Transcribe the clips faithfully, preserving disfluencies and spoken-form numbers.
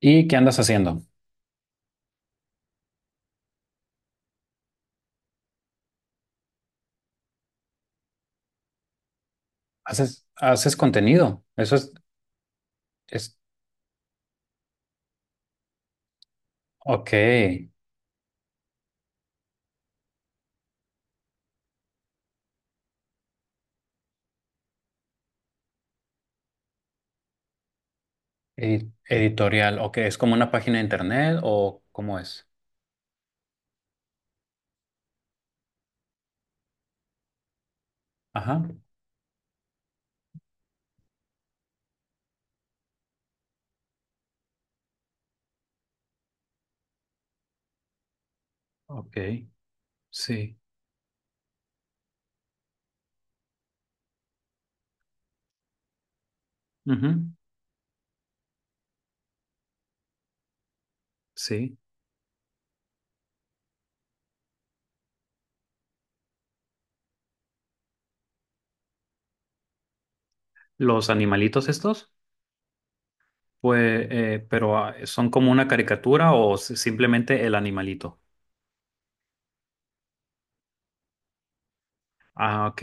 ¿Y qué andas haciendo? ¿Haces, haces contenido? Eso es, es, ok. Edi- editorial, ok, ¿es como una página de internet o cómo es? Ajá, ok, sí, ujú, sí. ¿Los animalitos estos? Pues, eh, pero ah, ¿son como una caricatura o s- simplemente el animalito? Ah, ok,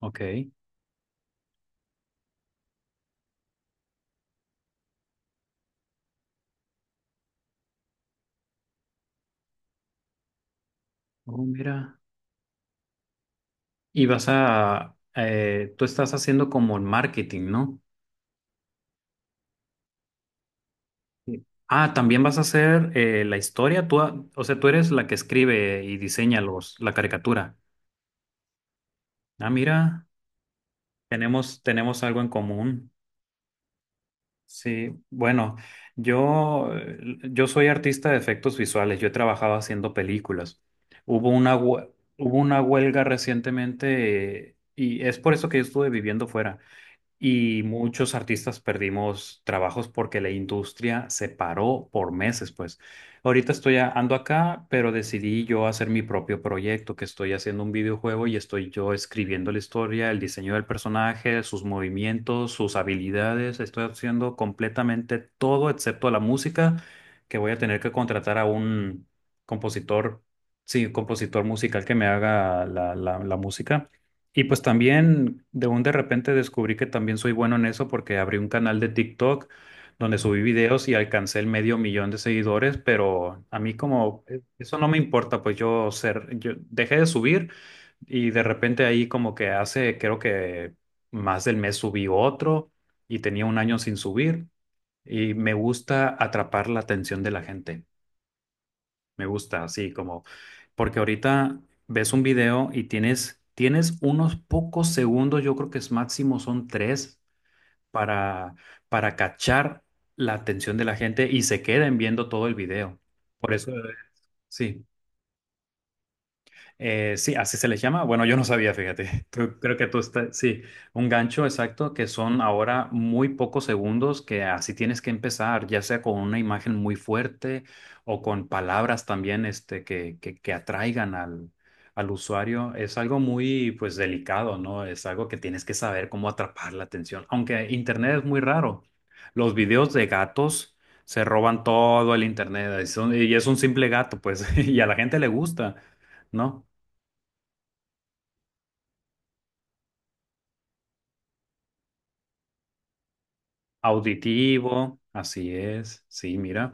ok. Oh, mira. Y vas a, eh, tú estás haciendo como el marketing, ¿no? Ah, también vas a hacer eh, la historia. Tú, a- o sea, tú eres la que escribe y diseña los, la caricatura. Ah, mira, tenemos, tenemos algo en común. Sí, bueno, yo, eh, yo soy artista de efectos visuales. Yo he trabajado haciendo películas. Hubo una, hue- Hubo una huelga recientemente eh, y es por eso que yo estuve viviendo fuera. Y muchos artistas perdimos trabajos porque la industria se paró por meses, pues. Ahorita estoy a- ando acá, pero decidí yo hacer mi propio proyecto, que estoy haciendo un videojuego y estoy yo escribiendo la historia, el diseño del personaje, sus movimientos, sus habilidades. Estoy haciendo completamente todo excepto la música, que voy a tener que contratar a un compositor, sí, compositor musical que me haga la la- la música. Y pues también de un de repente descubrí que también soy bueno en eso porque abrí un canal de TikTok donde subí videos y alcancé el medio millón de seguidores, pero a mí como eh, eso no me importa, pues yo ser, yo dejé de subir y de repente ahí como que hace, creo que más del mes subí otro y tenía un año sin subir y me gusta atrapar la atención de la gente. Me gusta, sí, como porque ahorita ves un video y tienes, tienes unos pocos segundos, yo creo que es máximo son tres, para, para cachar la atención de la gente y se queden viendo todo el video. Por eso, eh, sí. Eh, sí, así se les llama. Bueno, yo no sabía, fíjate. Creo, creo que tú estás, sí, un gancho exacto que son ahora muy pocos segundos que así tienes que empezar, ya sea con una imagen muy fuerte o con palabras también este, que, que, que atraigan al, al usuario. Es algo muy, pues, delicado, ¿no? Es algo que tienes que saber cómo atrapar la atención, aunque Internet es muy raro. Los videos de gatos. Se roban todo el internet y son- y es un simple gato, pues, y a la gente le gusta. ¿No? Auditivo, así es. Sí, mira.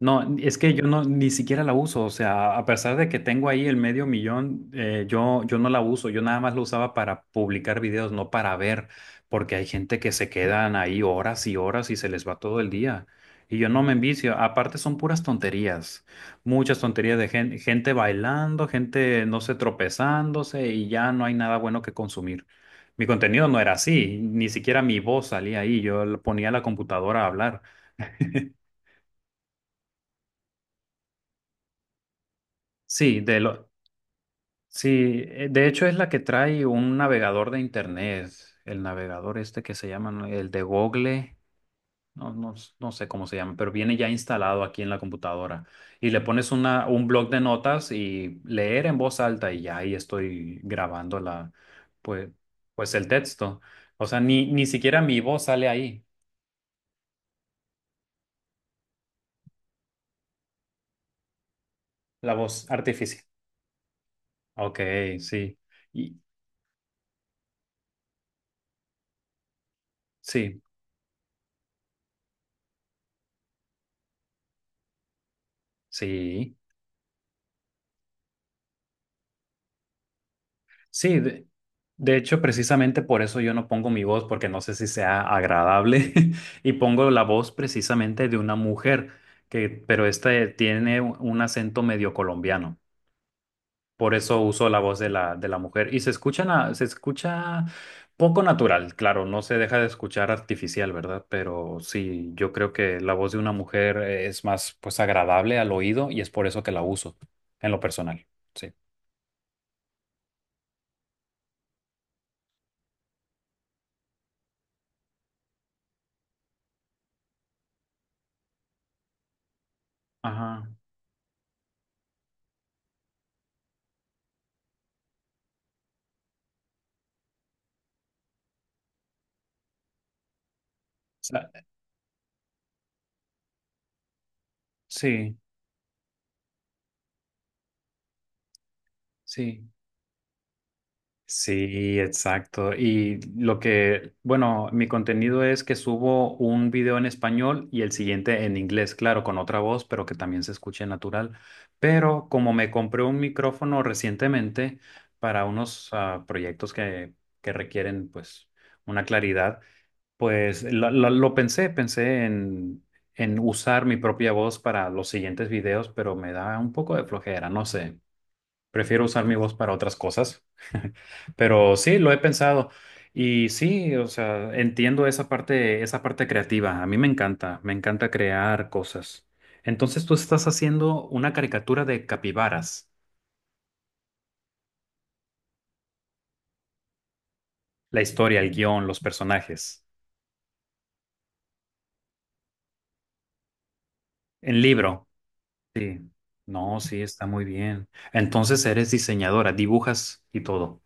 No, es que yo no ni siquiera la uso, o sea, a pesar de que tengo ahí el medio millón, eh, yo, yo no la uso, yo nada más lo usaba para publicar videos, no para ver, porque hay gente que se quedan ahí horas y horas y se les va todo el día. Y yo no me envicio, aparte son puras tonterías, muchas tonterías de gen- gente bailando, gente, no sé, tropezándose y ya no hay nada bueno que consumir. Mi contenido no era así, ni siquiera mi voz salía ahí, yo lo ponía a la computadora a hablar. Sí, de lo, Sí, eh, de hecho es la que trae un navegador de internet, el navegador este que se llama, ¿no? El de Google, no, no, s- no sé cómo se llama, pero viene ya instalado aquí en la computadora. Y le pones una, un blog de notas y leer en voz alta y ya ahí estoy grabando la, pues, pues el texto. O sea, ni, ni siquiera mi voz sale ahí, la voz artificial. Ok, sí. Y, sí, sí. Sí, de, de hecho, precisamente por eso yo no pongo mi voz, porque no sé si sea agradable, y pongo la voz precisamente de una mujer, que, pero esta tiene un un acento medio colombiano. Por eso uso la voz de la, de la mujer. Y se escucha, na- se escucha poco natural, claro, no se deja de escuchar artificial, ¿verdad? Pero sí, yo creo que la voz de una mujer es más, pues, agradable al oído y es por eso que la uso en lo personal. Sí. Ajá. O sea, sí, sí. Sí, exacto. Y lo que, bueno, mi contenido es que subo un video en español y el siguiente en inglés, claro, con otra voz, pero que también se escuche natural. Pero como me compré un micrófono recientemente para unos ah, proyectos que, que requieren, pues, una claridad, pues lo, lo- lo pensé, pensé en, en usar mi propia voz para los siguientes videos, pero me da un poco de flojera, no sé. Prefiero usar mi voz para otras cosas, pero sí, lo he pensado. Y sí, o sea, entiendo esa parte, esa parte creativa. A mí me encanta, me encanta crear cosas. Entonces tú estás haciendo una caricatura de capibaras, la historia, el guión, los personajes, en libro. Sí, no, sí, está muy bien. Entonces eres diseñadora, dibujas y todo.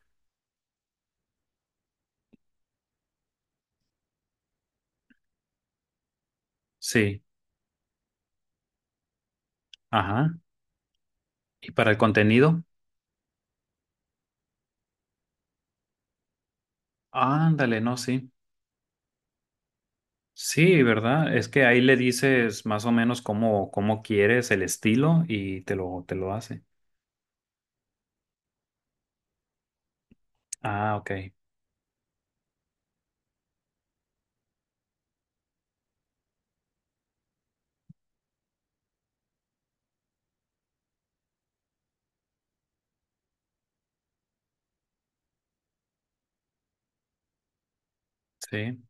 Sí, ajá. ¿Y para el contenido? Ándale, no, sí. Sí, ¿verdad? Es que ahí le dices más o menos cómo, cómo quieres el estilo y te lo, te lo hace. Ah, ok. Sí.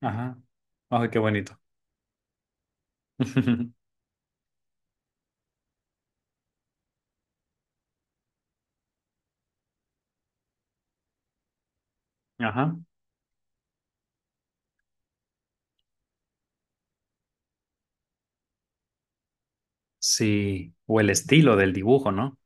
Ajá. Ay, qué bonito. Ajá. Sí. ¿O el estilo del dibujo, no?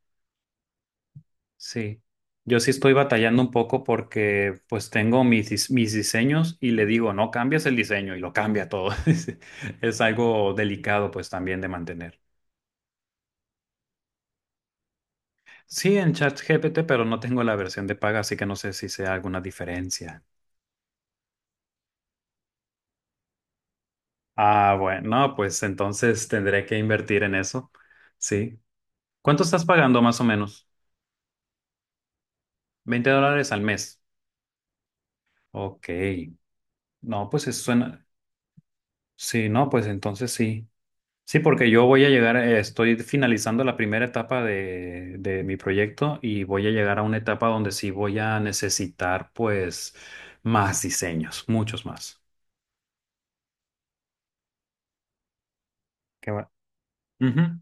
Sí. Yo sí estoy batallando un poco porque pues tengo mis, dis- mis diseños y le digo, no cambias el diseño y lo cambia todo. Es es algo delicado pues también de mantener. Sí, en ChatGPT, pero no tengo la versión de paga, así que no sé si sea alguna diferencia. Ah, bueno, no, pues entonces tendré que invertir en eso. Sí. ¿Cuánto estás pagando más o menos? Veinte dólares al mes. Ok. No, pues eso suena. Sí, no, pues entonces sí. Sí, porque yo voy a llegar, eh, estoy finalizando la primera etapa de, de mi proyecto y voy a llegar a una etapa donde sí voy a necesitar, pues, más diseños, muchos más. ¿Qué va? Ujú.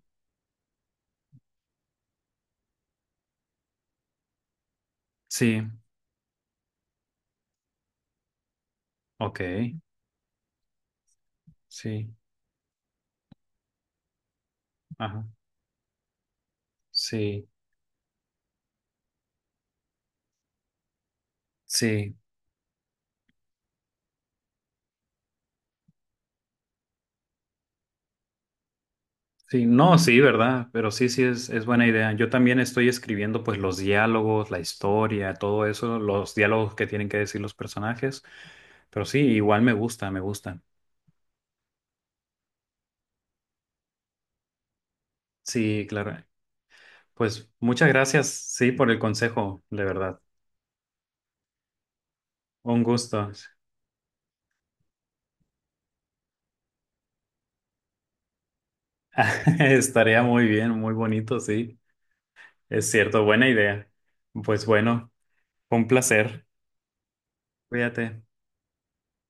Sí, ok. Sí, ajá. Sí, sí. Sí, no, sí, verdad, pero sí, sí es, es buena idea. Yo también estoy escribiendo pues los diálogos, la historia, todo eso, los diálogos que tienen que decir los personajes, pero sí, igual me gusta, me gusta. Sí, claro. Pues muchas gracias, sí, por el consejo, de verdad. Un gusto. Estaría muy bien, muy bonito, sí. Es cierto, buena idea. Pues bueno, fue un placer. Cuídate.